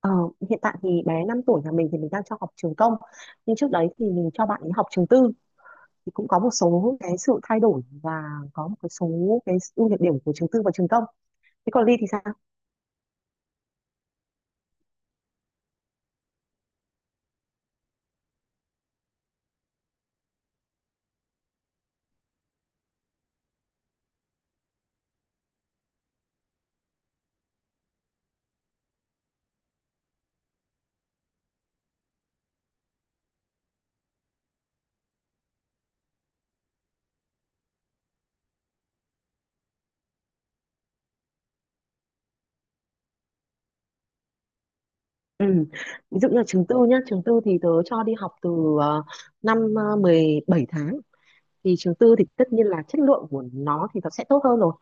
Ờ, hiện tại thì bé 5 tuổi nhà mình thì mình đang cho học trường công, nhưng trước đấy thì mình cho bạn ấy học trường tư. Thì cũng có một số cái sự thay đổi và có một cái số cái ưu nhược điểm của trường tư và trường công. Thế còn Ly thì sao? Ừ. Ví dụ như là trường tư nhá, trường tư thì tớ cho đi học từ ờ, năm 17 tháng. Thì trường tư thì tất nhiên là chất lượng của nó thì nó sẽ tốt hơn rồi.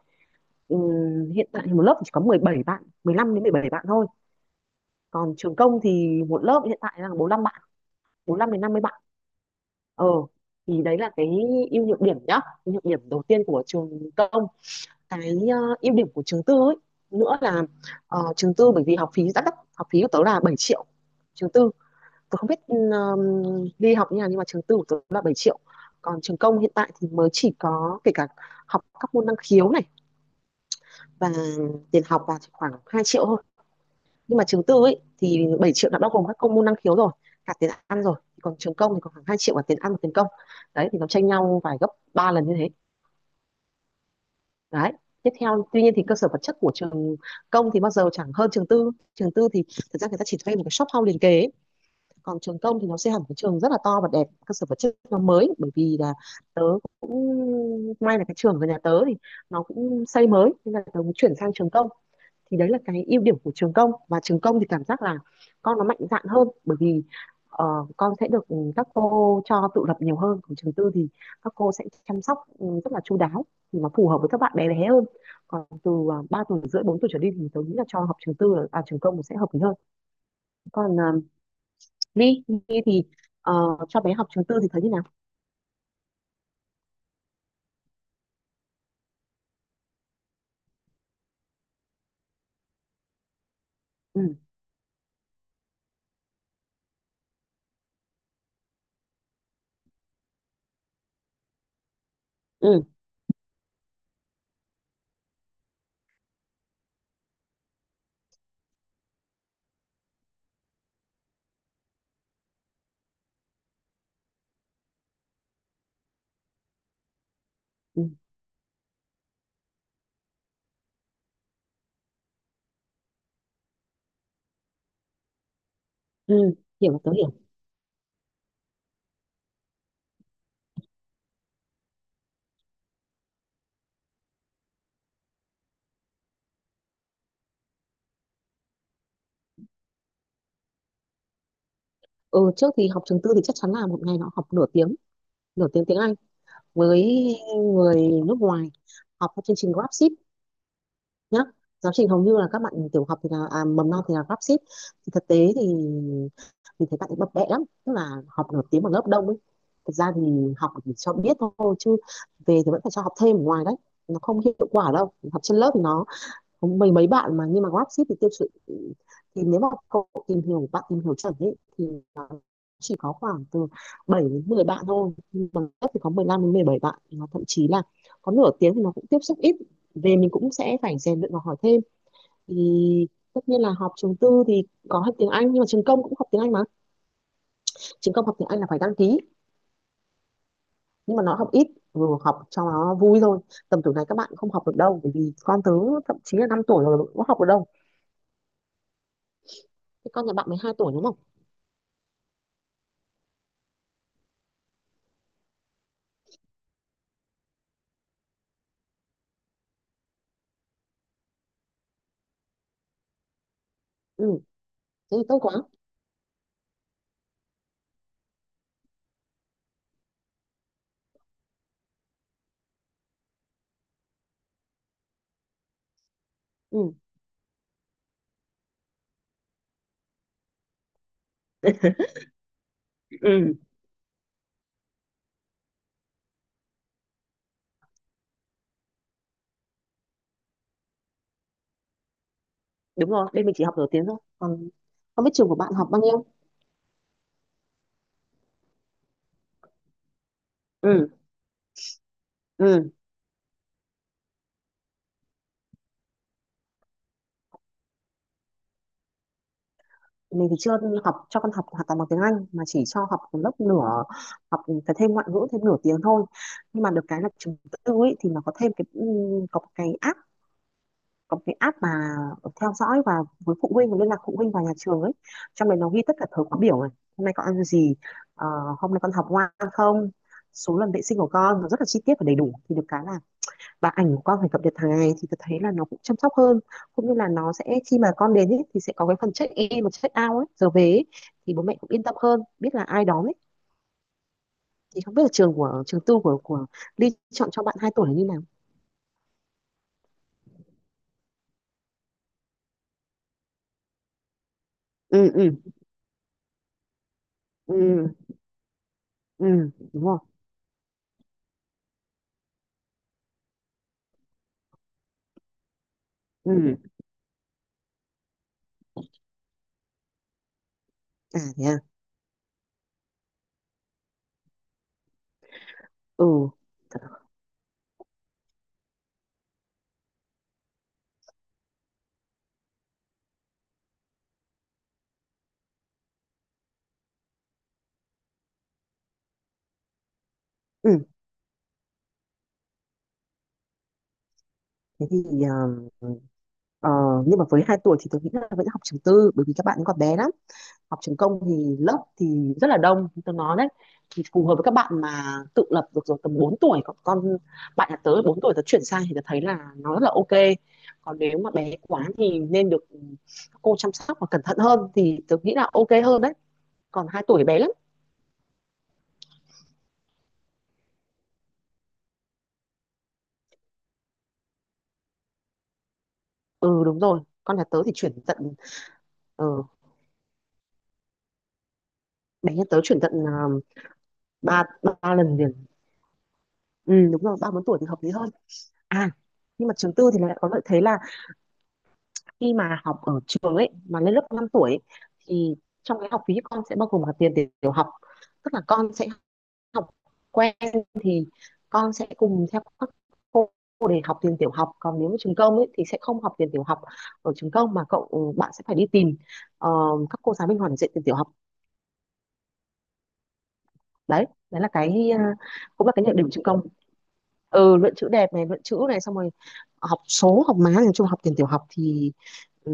Hiện tại thì một lớp chỉ có 17 bạn, 15 đến 17 bạn thôi. Còn trường công thì một lớp hiện tại là 45 bạn, 45 đến 50. ờ thì đấy là cái ưu nhược điểm nhá, ưu nhược điểm đầu tiên của trường công. Cái ưu điểm của trường tư ấy nữa là, trường tư bởi vì học phí rất đắt, học phí của tớ là 7 triệu. Trường tư, tớ không biết đi học như nào, nhưng mà trường tư của tớ là 7 triệu. Còn trường công hiện tại thì mới chỉ có, kể cả học các môn năng khiếu này và tiền học là chỉ khoảng 2 triệu thôi. Nhưng mà trường tư ấy thì 7 triệu đã bao gồm các công môn năng khiếu rồi, cả tiền ăn rồi. Còn trường công thì còn khoảng 2 triệu cả tiền ăn và tiền công. Đấy thì nó tranh nhau vài gấp 3 lần như thế đấy. Tiếp theo, tuy nhiên thì cơ sở vật chất của trường công thì bao giờ chẳng hơn trường tư. Trường tư thì thực ra người ta chỉ thuê một cái shop house liền kề ấy. Còn trường công thì nó sẽ hẳn cái trường rất là to và đẹp, cơ sở vật chất nó mới. Bởi vì là tớ cũng may là cái trường của nhà tớ thì nó cũng xây mới nên là tớ cũng chuyển sang trường công. Thì đấy là cái ưu điểm của trường công. Và trường công thì cảm giác là con nó mạnh dạn hơn, bởi vì ờ, con sẽ được các cô cho tự lập nhiều hơn. Còn trường tư thì các cô sẽ chăm sóc rất là chu đáo, thì nó phù hợp với các bạn bé bé hơn. Còn từ 3 tuổi rưỡi, 4 tuổi trở đi thì tôi nghĩ là cho học trường tư là à, trường công sẽ hợp lý hơn. Còn Ly Ly thì ờ, cho bé học trường tư thì thấy như nào? Ừ. Ừ. Ừ, ừ. Hiểu, tớ hiểu. Ừ, trước thì học trường tư thì chắc chắn là một ngày nó học nửa tiếng, nửa tiếng tiếng Anh với người nước ngoài, học theo chương trình GrabShip nhá. Giáo trình hầu như là các bạn tiểu học thì là à, mầm non thì là GrabShip. Thì thực tế thì mình thấy các bạn ấy bập bẹ lắm, tức là học nửa tiếng một lớp đông ấy. Thực ra thì học chỉ cho biết thôi chứ về thì vẫn phải cho học thêm ở ngoài đấy. Nó không hiệu quả đâu, học trên lớp thì nó có mấy mấy bạn mà. Nhưng mà GrabShip thì tiêu chuẩn thì nếu mà cậu tìm hiểu, bạn tìm hiểu chuẩn ấy thì chỉ có khoảng từ 7 đến 10 bạn thôi, nhưng bằng cấp thì có 15 đến 17 bạn, nó thậm chí là có. Nửa tiếng thì nó cũng tiếp xúc ít, về mình cũng sẽ phải rèn luyện và hỏi thêm. Thì tất nhiên là học trường tư thì có học tiếng Anh, nhưng mà trường công cũng học tiếng Anh mà. Trường công học tiếng Anh là phải đăng ký, nhưng mà nó học ít, vừa học cho nó vui thôi. Tầm tuổi này các bạn không học được đâu, bởi vì con tớ thậm chí là 5 tuổi rồi cũng học được đâu. Cái con nhà bạn 12 tuổi đúng không? Ừ, thế thì tốt quá. Ừ. Ừ, đúng rồi bên mình chỉ học nửa tiếng thôi. Còn không biết trường của bạn học bao nhiêu. Ừ. Ừ, mình thì chưa học cho con học hoàn toàn bằng tiếng Anh mà chỉ cho học một lớp nửa, học phải thêm ngoại ngữ thêm nửa tiếng thôi. Nhưng mà được cái là trường tư ấy thì nó có thêm cái có một cái app, có một cái app mà theo dõi và với phụ huynh và liên lạc phụ huynh vào nhà trường ấy. Trong đấy nó ghi tất cả thời khóa biểu này, hôm nay con ăn gì, ờ, hôm nay con học ngoan không, số lần vệ sinh của con, nó rất là chi tiết và đầy đủ. Thì được cái là và ảnh của con phải cập nhật hàng ngày, thì tôi thấy là nó cũng chăm sóc hơn. Cũng như là nó sẽ khi mà con đến ấy thì sẽ có cái phần check in và check out ấy, giờ về ấy thì bố mẹ cũng yên tâm hơn, biết là ai đón ấy. Thì không biết là trường của, trường tư của Ly chọn cho bạn 2 tuổi là như nào? Ừ. Ừ. Ừ. Ừ, đúng rồi. Ừ. À thế à. Ừ. Ừ, thế thì ờ, ờ, nhưng mà với 2 tuổi thì tôi nghĩ là vẫn học trường tư, bởi vì các bạn còn bé lắm. Học trường công thì lớp thì rất là đông, tôi nói đấy. Thì phù hợp với các bạn mà tự lập được rồi tầm 4 tuổi. Còn con bạn nhà tớ 4 tuổi tớ chuyển sang thì tớ thấy là nó rất là ok. Còn nếu mà bé quá thì nên được cô chăm sóc và cẩn thận hơn thì tớ nghĩ là ok hơn đấy. Còn 2 tuổi bé lắm. Ừ, đúng rồi, con nhà tớ thì chuyển tận ờ, bé nhà tớ chuyển tận ba ba lần liền. Ừ, đúng rồi ba bốn tuổi thì hợp lý hơn. À, nhưng mà trường tư thì lại có lợi thế là khi mà học ở trường ấy mà lên lớp 5 tuổi ấy, thì trong cái học phí con sẽ bao gồm cả tiền tiểu tiểu học. Tức là con sẽ học quen thì con sẽ cùng theo các cô để học tiền tiểu học. Còn nếu mà trường công ấy thì sẽ không học tiền tiểu học ở trường công, mà cậu ừ, bạn sẽ phải đi tìm ờ, các cô giáo bên ngoài để dạy tiền tiểu học. Đấy, đấy là cái cũng là cái nhược điểm của trường công. Ừ, luận chữ đẹp này, luận chữ này, xong rồi học số, học má, nói chung học tiền tiểu học thì ừ,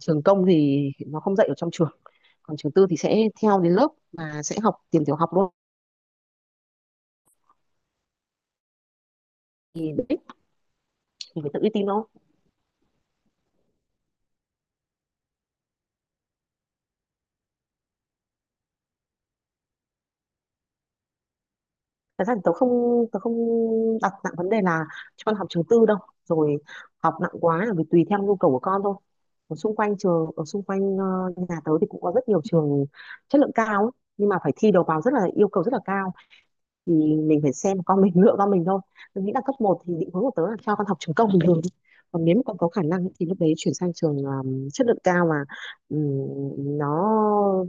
trường công thì nó không dạy ở trong trường. Còn trường tư thì sẽ theo đến lớp mà sẽ học tiền tiểu học luôn. Thì đấy thì phải tự đi tìm nó. Thật ra thì tớ không đặt nặng vấn đề là cho con học trường tư đâu. Rồi, học nặng quá là vì tùy theo nhu cầu của con thôi. Ở xung quanh trường, ở xung quanh nhà tớ thì cũng có rất nhiều trường chất lượng cao ấy, nhưng mà phải thi đầu vào, rất là yêu cầu rất là cao. Thì mình phải xem con mình, lựa con mình thôi. Mình nghĩ là cấp một thì định hướng của tớ là cho con học trường công bình thường. Còn nếu mà con có khả năng thì lúc đấy chuyển sang trường chất lượng cao mà nó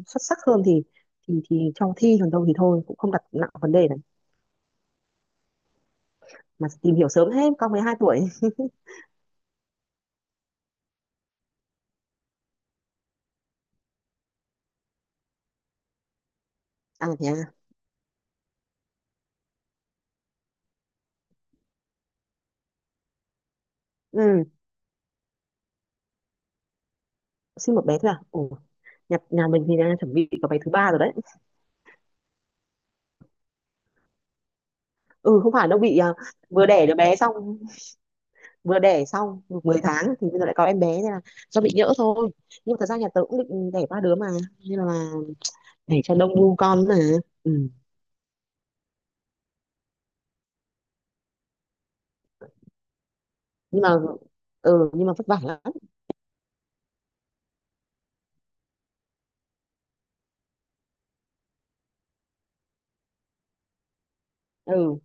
xuất sắc hơn thì thì cho thi, còn đâu thì thôi cũng không đặt nặng vấn đề này. Mà tìm hiểu sớm hết, con mới 2 tuổi. À thế à. Ừ, sinh một bé thôi à? Ồ, nhà mình thì đang chuẩn bị có bé thứ ba rồi đấy. Ừ, không phải đâu bị à, vừa đẻ đứa bé xong, vừa đẻ xong được 10 tháng thì bây giờ lại có em bé nên là do bị nhỡ thôi. Nhưng mà thật ra nhà tớ cũng định đẻ 3 đứa mà, nên là để cho đông bu con mà. Ừ. Nhưng mà ừ, nhưng mà vất vả lắm. Ừ,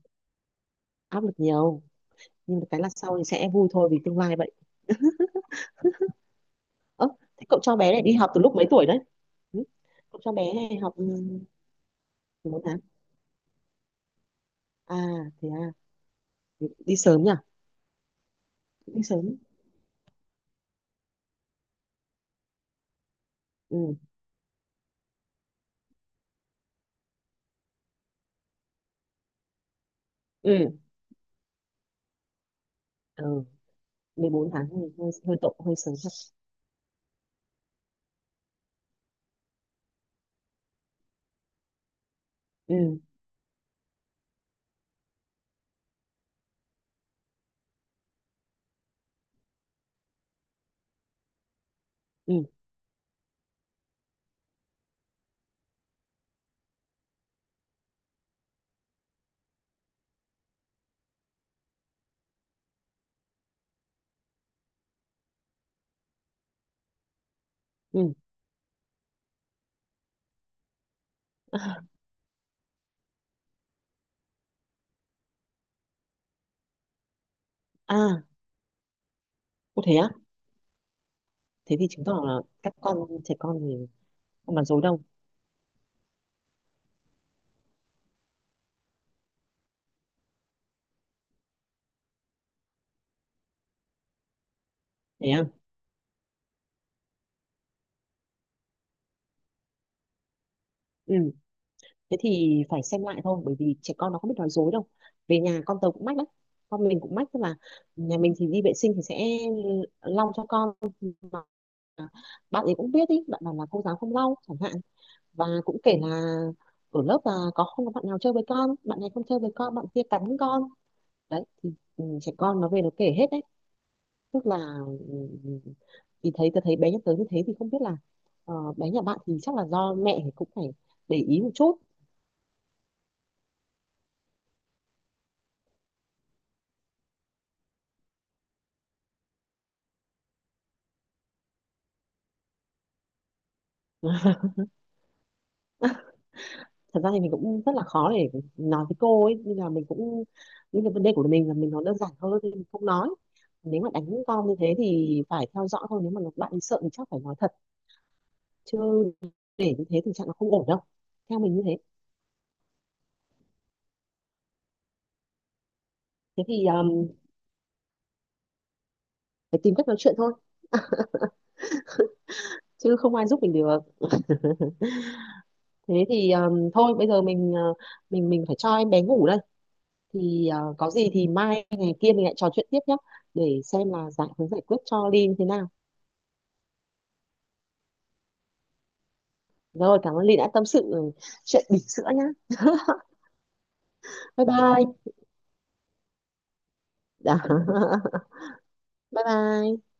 áp lực nhiều. Nhưng mà cái là sau thì sẽ vui thôi vì tương lai vậy. Ơ, thế cậu cho bé này đi học từ lúc mấy tuổi đấy? Ừ? Cậu cho bé này học từ 4 tháng? À thế à, đi sớm nhỉ. Đi sớm. Ừ. Ừ. Ừ, 14 tháng thì hơi hơi tội, hơi sớm thật. Ừ. Ừ. Ừ. À, có thế á? Thế thì chứng tỏ là các con, trẻ con thì không nói dối đâu. Thế à? Ừ, thế thì phải xem lại thôi, bởi vì trẻ con nó không biết nói dối đâu. Về nhà con tớ cũng mách lắm, con mình cũng mách, tức là nhà mình thì đi vệ sinh thì sẽ lau cho con, mà bạn ấy cũng biết ý, bạn bảo là cô giáo không lau chẳng hạn. Và cũng kể là ở lớp là có, không có bạn nào chơi với con, bạn này không chơi với con, bạn kia cắn con. Đấy thì ừ, trẻ con nó về nó kể hết đấy. Tức là ừm, thì thấy, tôi thấy bé nhắc tới như thế thì không biết là bé nhà bạn thì chắc là do mẹ thì cũng phải để ý một chút. Thật ra thì mình cũng rất là khó để nói với cô ấy, nên là mình cũng những cái vấn đề của mình là mình nó đơn giản hơn thì mình không nói. Nếu mà đánh con như thế thì phải theo dõi thôi, nếu mà bạn ấy sợ thì chắc phải nói thật. Chứ để như thế tình trạng nó không ổn đâu, theo mình như thế. Thế thì phải tìm cách nói chuyện thôi, chứ không ai giúp mình được. Thế thì thôi bây giờ mình mình phải cho em bé ngủ đây. Thì à, có gì thì mai ngày kia mình lại trò chuyện tiếp nhé. Để xem là giải, hướng giải quyết cho Ly như thế nào. Rồi, cảm ơn Ly đã tâm sự ừ, chuyện bỉm sữa nhá. Bye bye. Bye bye.